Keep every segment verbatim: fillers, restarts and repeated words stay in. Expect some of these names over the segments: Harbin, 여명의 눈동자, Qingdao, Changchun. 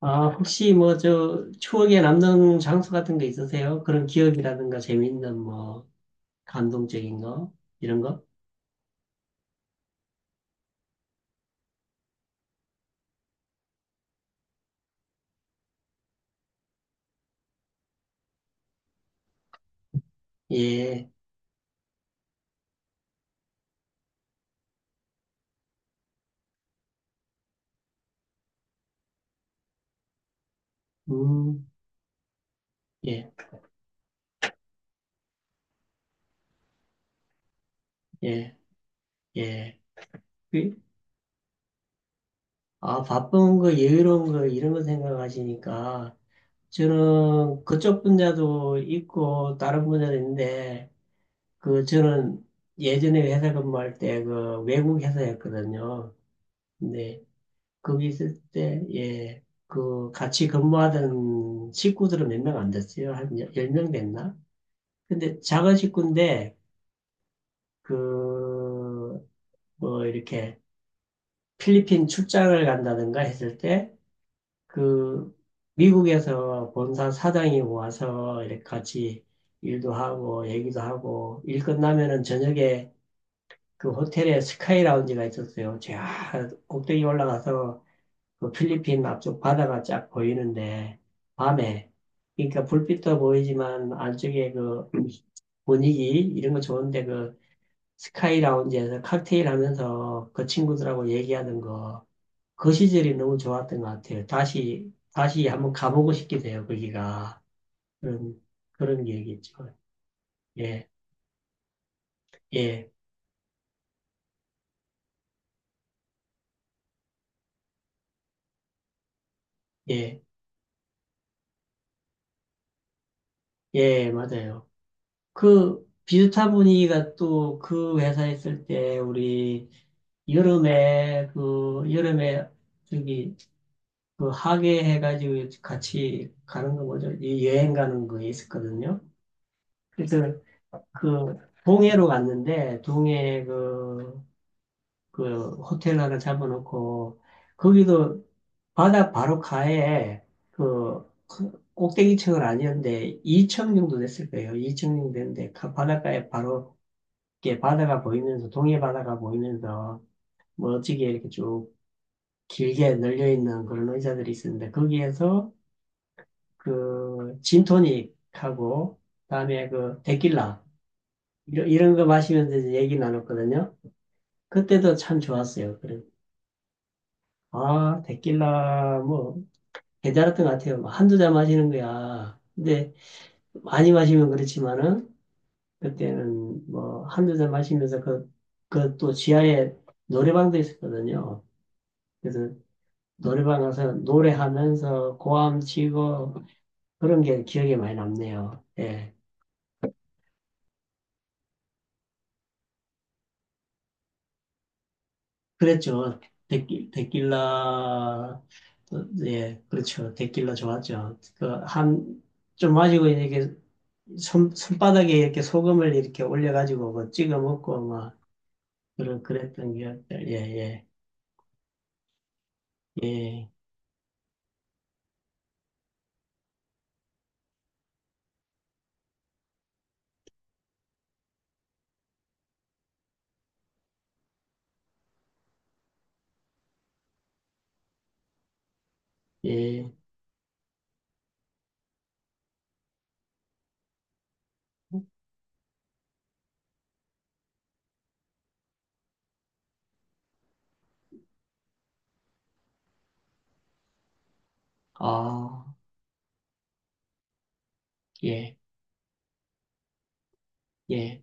아, 혹시 뭐, 저, 추억에 남는 장소 같은 거 있으세요? 그런 기억이라든가 재미있는 뭐, 감동적인 거? 이런 거? 예, 음, 예, 예, 예. 그, 아, 바쁜 거, 여유로운 거, 이런 거 생각하시니까, 저는 그쪽 분야도 있고, 다른 분야도 있는데, 그, 저는 예전에 회사 근무할 때 그 외국 회사였거든요. 근데 거기 있을 때, 예, 그 같이 근무하던 식구들은 몇 명 안 됐어요. 한 열 명 됐나? 근데 작은 식구인데, 그, 뭐, 이렇게 필리핀 출장을 간다든가 했을 때, 그, 미국에서 본사 사장이 와서 이렇게 같이 일도 하고, 얘기도 하고, 일 끝나면은 저녁에 그 호텔에 스카이 라운지가 있었어요. 저 꼭대기 올라가서 그 필리핀 앞쪽 바다가 쫙 보이는데, 밤에, 그러니까 불빛도 보이지만, 안쪽에 그 분위기, 이런 거 좋은데, 그 스카이 라운지에서 칵테일 하면서 그 친구들하고 얘기하는 거, 그 시절이 너무 좋았던 것 같아요. 다시, 다시 한번 가보고 싶기도 해요, 거기가. 그런, 그런 기억이 있죠. 예, 예, 예, 예, 맞아요. 그 비슷한 분위기가 또 그 회사에 있을 때 우리 여름에 그 여름에 저기 그 학예 해가지고 같이 가는 거 뭐죠? 이 여행 가는 거 있었거든요. 그래서 그 동해로 갔는데 동해 그, 그 호텔 하나 잡아놓고 거기도 바다 바로 가에 그 꼭대기층은 아니었는데 이 층 정도 됐을 거예요. 이 층 정도 됐는데 가- 바닷가에 바로 이게 바다가 보이면서 동해 바다가 보이면서 멋지게 이렇게 쭉 길게 널려 있는 그런 의자들이 있었는데 거기에서 그 진토닉하고 그다음에 그 데킬라 이런, 이런 거 마시면서 이제 얘기 나눴거든요. 그때도 참 좋았어요. 그래. 아, 데킬라 뭐 괜찮았던 것 같아요. 뭐 한두 잔 마시는 거야. 근데 많이 마시면 그렇지만은 그때는 뭐 한두 잔 마시면서 그 그 또 지하에 노래방도 있었거든요. 그래서 노래방 가서 노래하면서 고함 치고 그런 게 기억에 많이 남네요. 예. 그랬죠. 데낄, 데낄라, 예, 그렇죠. 데낄라 좋았죠. 그, 한, 좀 마시고 이렇게 손, 손바닥에 이렇게 소금을 이렇게 올려가지고 뭐 찍어 먹고 막, 그런, 그랬던 기억들. 예, 예, 예, 예. 아, 예, 예.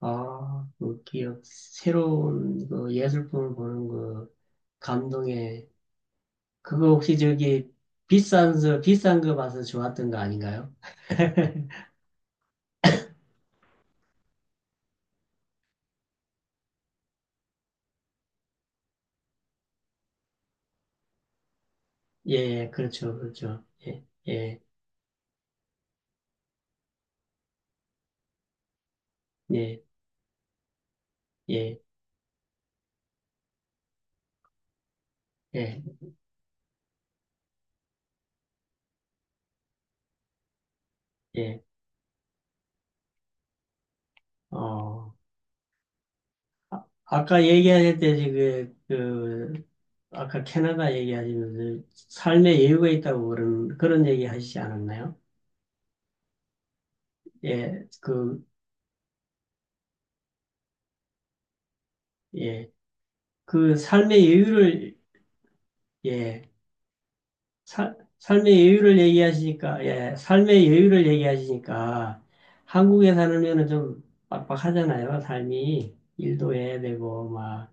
아, 그 기억, 새로운 그 예술품을 보는 그 감동의 그거 혹시 저기 비싼 서 비싼 거 봐서 좋았던 거 아닌가요? 예, 예, 그렇죠, 그렇죠. 예, 예, 예, 예, 예, 예. 어, 아까 얘기하실 때 지금 그 아까 캐나다 얘기하시면서 삶의 여유가 있다고 그런 그런 얘기 하시지 않았나요? 예, 그, 예, 그 삶의 여유를 예. 살 삶의 여유를 얘기하시니까, 예, 삶의 여유를 얘기하시니까, 한국에 살면은 좀 빡빡하잖아요, 삶이. 일도 해야 되고, 막.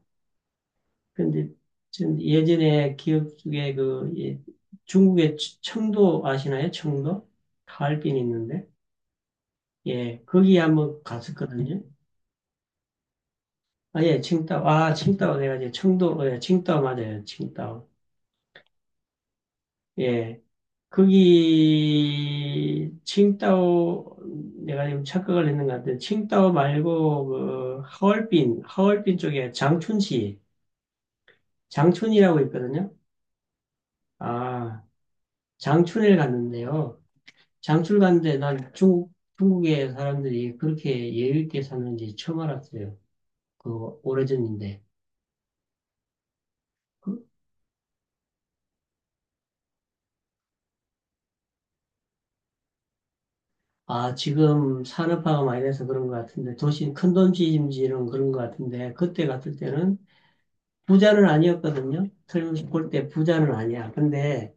근데, 전 예전에 기억 중에 그, 예, 중국의 청- 청도 아시나요? 청도? 하얼빈 있는데. 예, 거기 한번 갔었거든요. 아, 예, 칭다오. 아, 칭다오. 내가 이제 청도, 어, 예, 칭다오 맞아요. 칭다오. 예. 거기 칭따오 내가 지금 착각을 했는 것 같은데 칭따오 말고 그 하얼빈 하얼빈 쪽에 장춘시 장춘이라고 있거든요. 아 장춘에 갔는데요. 장춘 갔는데 난 중국 중국의 사람들이 그렇게 예의 있게 사는지 처음 알았어요. 그 오래전인데. 아, 지금 산업화가 많이 돼서 그런 것 같은데, 도시, 큰 도시임지는 그런 것 같은데, 그때 갔을 때는 부자는 아니었거든요. 설어서 볼 때 부자는 아니야. 근데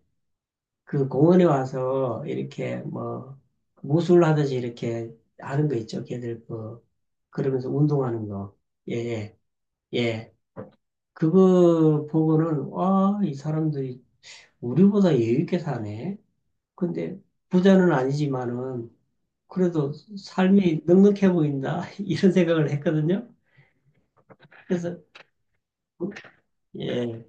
그 공원에 와서 이렇게 뭐 무술 하듯이 이렇게 하는 거 있죠. 걔들 그 그러면서 운동하는 거. 예, 예. 예. 그거 보고는 와, 이 사람들이 우리보다 여유 있게 사네. 근데 부자는 아니지만은 그래도 삶이 넉넉해 보인다. 이런 생각을 했거든요. 그래서 예.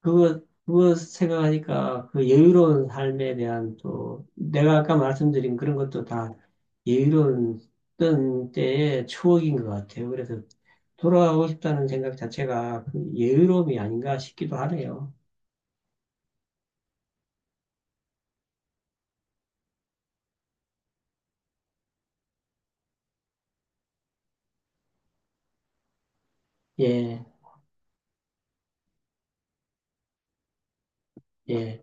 그거, 그거 생각하니까 그 여유로운 삶에 대한 또, 내가 아까 말씀드린 그런 것도 다 여유로운 어떤 때의 추억인 것 같아요. 그래서 돌아가고 싶다는 생각 자체가 그 여유로움이 아닌가 싶기도 하네요. 예, 예,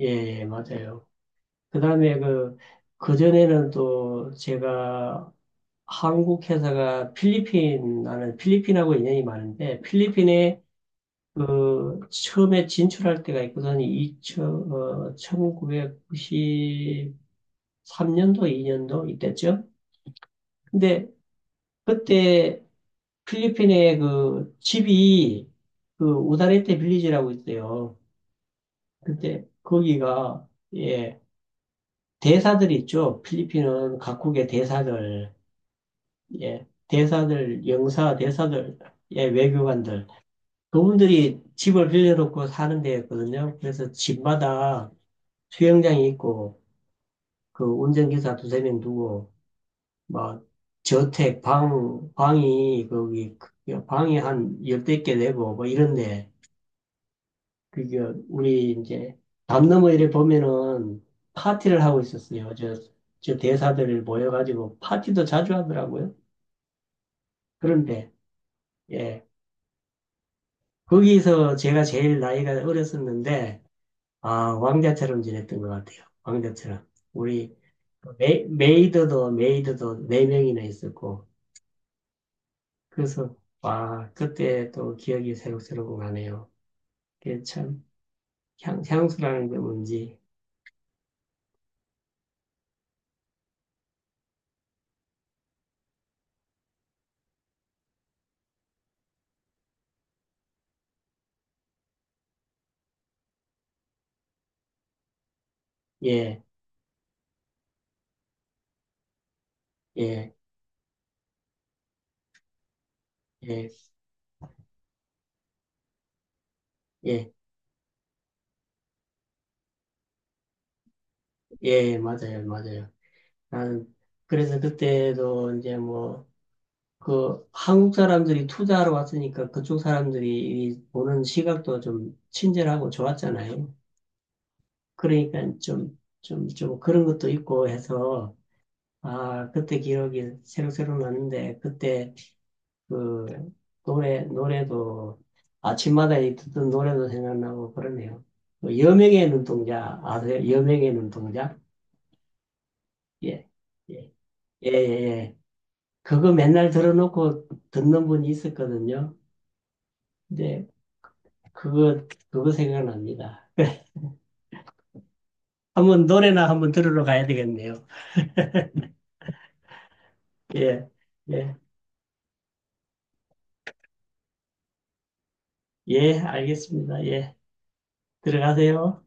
예, 예, 맞아요. 그 다음에 그, 그전에는 또 제가 한국 회사가 필리핀, 나는 필리핀하고 인연이 많은데, 필리핀에 그 처음에 진출할 때가 있거든. 2 천구백구십삼 년도, 이 년도 이때쯤. 근데 그때 필리핀에 그 집이 그 우다레테 빌리지라고 있어요. 근데 거기가 예 대사들 있죠. 필리핀은 각국의 대사들 예 대사들 영사 대사들 예 외교관들 그분들이 집을 빌려놓고 사는 데였거든요. 그래서 집마다 수영장이 있고 그 운전기사 두세 명 두고, 막, 저택, 방, 방이, 거기, 그 방이 한 열댓 개 되고, 뭐 이런데, 그게, 우리 이제, 담 너머 이래 보면은 파티를 하고 있었어요. 저, 저 대사들 모여가지고 파티도 자주 하더라고요. 그런데, 예. 거기서 제가 제일 나이가 어렸었는데, 아, 왕자처럼 지냈던 것 같아요. 왕자처럼. 우리, 그 메, 메이드도, 메이드도 네명이나 있었고, 그래서, 와, 그때 또 기억이 새록새록 나네요. 그게 참, 향, 향수라는 게 뭔지. 예, 예, 예, 예, 예, 맞아요, 맞아요. 나는, 그래서 그때도 이제 뭐, 그, 한국 사람들이 투자하러 왔으니까 그쪽 사람들이 이 보는 시각도 좀 친절하고 좋았잖아요. 그러니까 좀, 좀, 좀 그런 것도 있고 해서, 아, 그때 기억이 새록새록 나는데, 그때 그 노래 노래도 아침마다 이 듣던 노래도 생각나고 그러네요. 그 여명의 눈동자 아세요? 여명의 눈동자? 예. 예. 예, 예, 예. 그거 맨날 들어놓고 듣는 분이 있었거든요. 근데 그거 그거 생각납니다. 한번 노래나 한번 들으러 가야 되겠네요. 예. 예. 예, 알겠습니다. 예. 들어가세요.